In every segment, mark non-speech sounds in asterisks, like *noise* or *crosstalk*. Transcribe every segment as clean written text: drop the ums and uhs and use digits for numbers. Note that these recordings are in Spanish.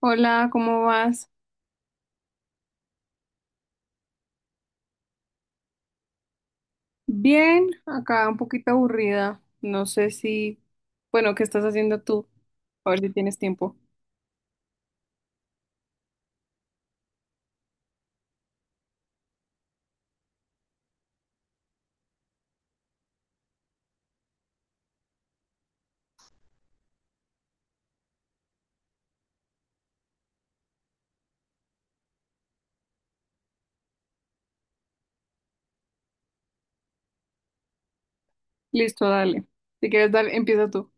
Hola, ¿cómo vas? Bien, acá un poquito aburrida. No sé si, bueno, ¿qué estás haciendo tú? A ver si tienes tiempo. Listo, dale. Si quieres, dale, empieza tú.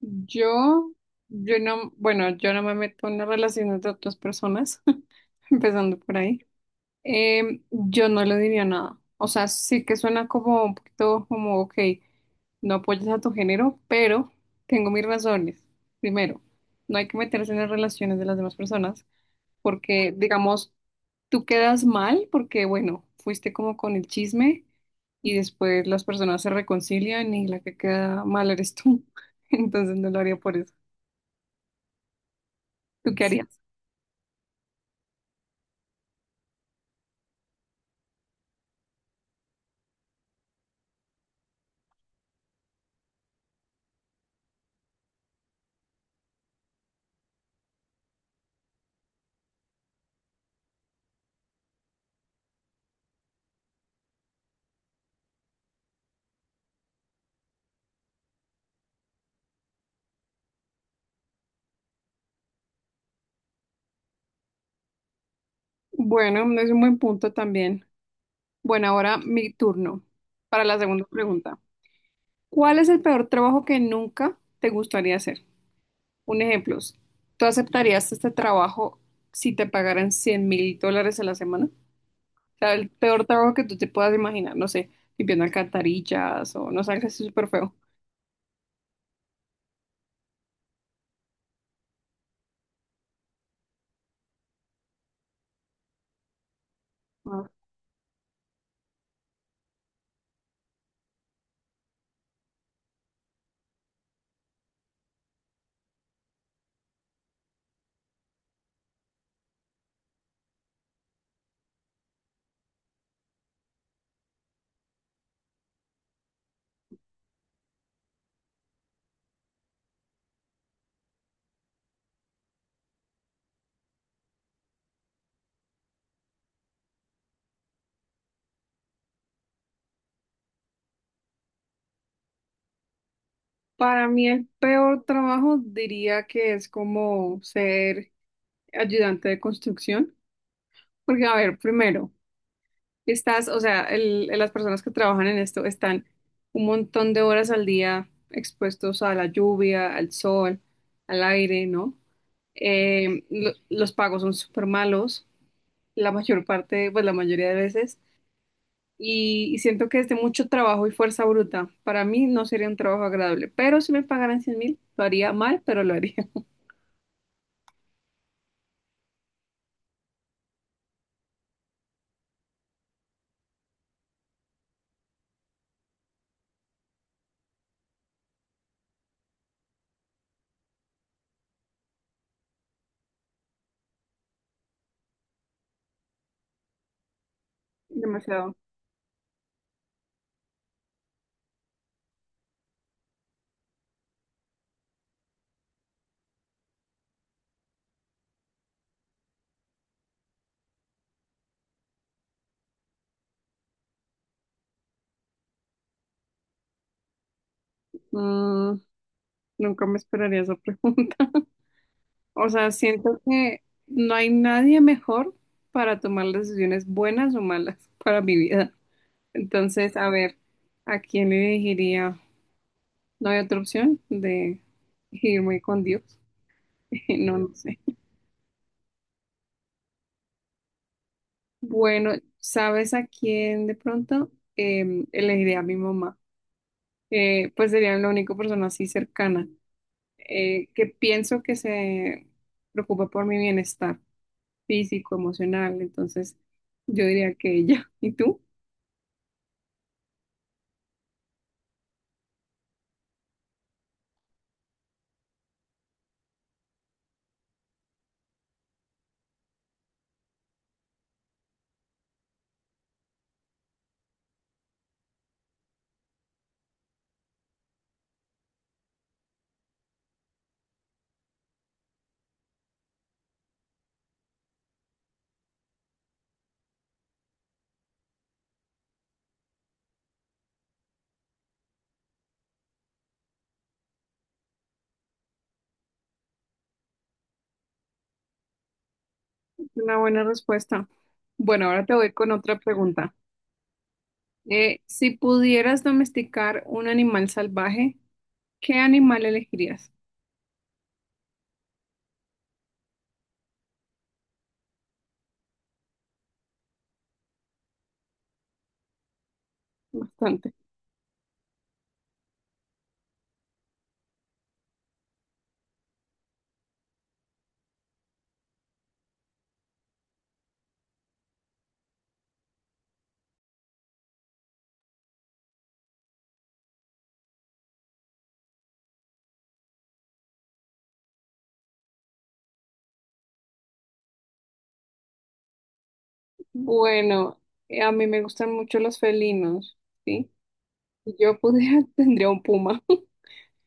Yo, yo no, bueno, yo no me meto en las relaciones de otras personas, *laughs* empezando por ahí. Yo no le diría nada. O sea, sí que suena como un poquito como, ok, no apoyas a tu género, pero tengo mis razones. Primero, no hay que meterse en las relaciones de las demás personas, porque, digamos, tú quedas mal porque, bueno, fuiste como con el chisme y después las personas se reconcilian y la que queda mal eres tú. *laughs* Entonces no lo haría por eso. ¿Tú qué harías? Bueno, es un buen punto también. Bueno, ahora mi turno para la segunda pregunta. ¿Cuál es el peor trabajo que nunca te gustaría hacer? Un ejemplo, ¿tú aceptarías este trabajo si te pagaran 100 mil dólares a la semana? Sea, el peor trabajo que tú te puedas imaginar, no sé, limpiando alcantarillas o no sé, algo así súper feo. Ah. Para mí el peor trabajo diría que es como ser ayudante de construcción, porque a ver, primero, estás, o sea, las personas que trabajan en esto están un montón de horas al día expuestos a la lluvia, al sol, al aire, ¿no? Los pagos son súper malos, la mayor parte, pues la mayoría de veces. Y siento que es de mucho trabajo y fuerza bruta. Para mí no sería un trabajo agradable, pero si me pagaran 100 mil, lo haría mal, pero lo haría. *laughs* Demasiado. Mm, nunca me esperaría esa pregunta. *laughs* O sea, siento que no hay nadie mejor para tomar las decisiones buenas o malas *laughs* para mi vida. Entonces, a ver, ¿a quién le elegiría? No hay otra opción de irme con Dios. *laughs* No, no sé. Bueno, ¿sabes a quién de pronto? Elegiré a mi mamá. Pues sería la única persona así cercana, que pienso que se preocupa por mi bienestar físico, emocional. Entonces, yo diría que ella. *laughs* ¿Y tú? Una buena respuesta. Bueno, ahora te voy con otra pregunta. Si pudieras domesticar un animal salvaje, ¿qué animal elegirías? Bastante. Bueno, a mí me gustan mucho los felinos, ¿sí? Si yo pudiera, *laughs* tendría un puma. *laughs*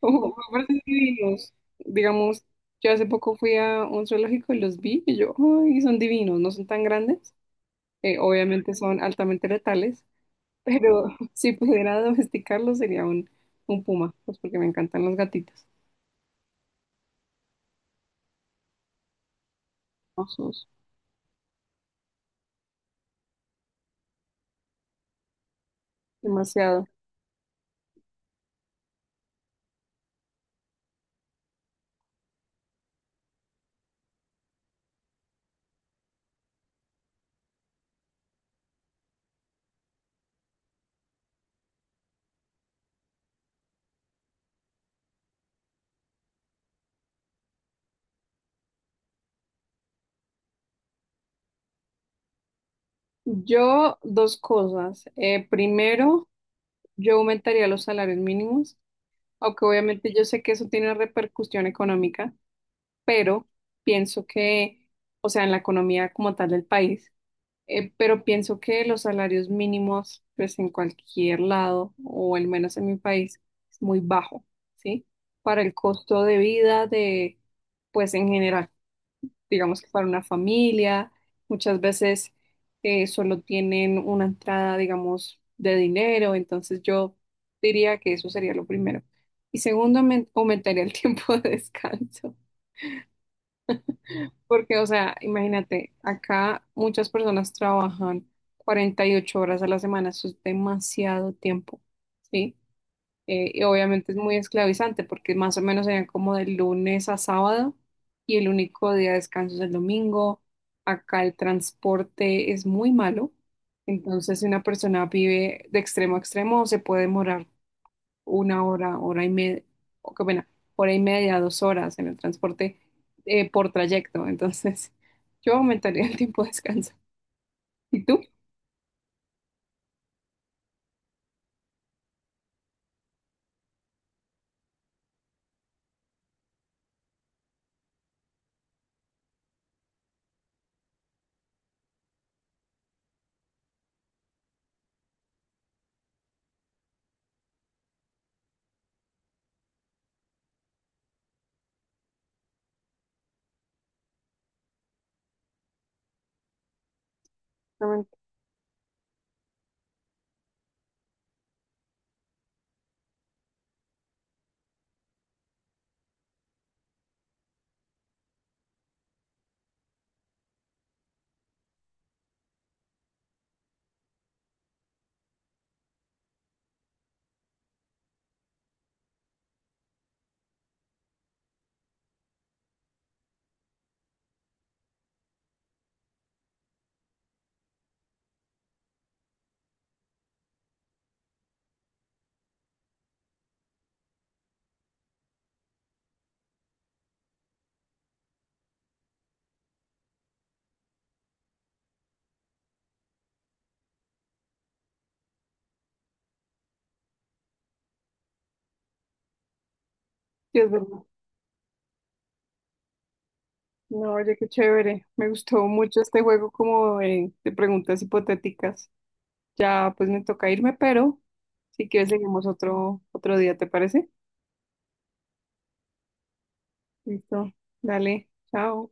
Aparte son divinos. Digamos, yo hace poco fui a un zoológico y los vi y yo, ay, son divinos, no son tan grandes. Obviamente son altamente letales, pero *laughs* si pudiera domesticarlos sería un puma, pues porque me encantan los gatitos. Hermosos, demasiado. Yo, dos cosas. Primero, yo aumentaría los salarios mínimos, aunque obviamente yo sé que eso tiene repercusión económica. Pero pienso que, o sea, en la economía como tal del país, pero pienso que los salarios mínimos, pues en cualquier lado, o al menos en mi país, es muy bajo, ¿sí? Para el costo de vida de, pues en general, digamos que para una familia, muchas veces solo tienen una entrada, digamos, de dinero, entonces yo diría que eso sería lo primero. Y segundo, aumentaría el *laughs* tiempo de descanso. Porque, o sea, imagínate, acá muchas personas trabajan 48 horas a la semana, eso es demasiado tiempo, ¿sí? Y obviamente es muy esclavizante porque más o menos serían como de lunes a sábado y el único día de descanso es el domingo. Acá el transporte es muy malo, entonces si una persona vive de extremo a extremo se puede demorar 1 hora, hora y media, o qué pena, hora y media, 2 horas en el transporte por trayecto. Entonces, *laughs* yo aumentaría el tiempo de descanso. ¿Y tú? Exactamente. Sí, es verdad. No, oye, qué chévere. Me gustó mucho este juego como de preguntas hipotéticas. Ya pues me toca irme, pero si quieres seguimos otro día, ¿te parece? Listo. Dale, chao.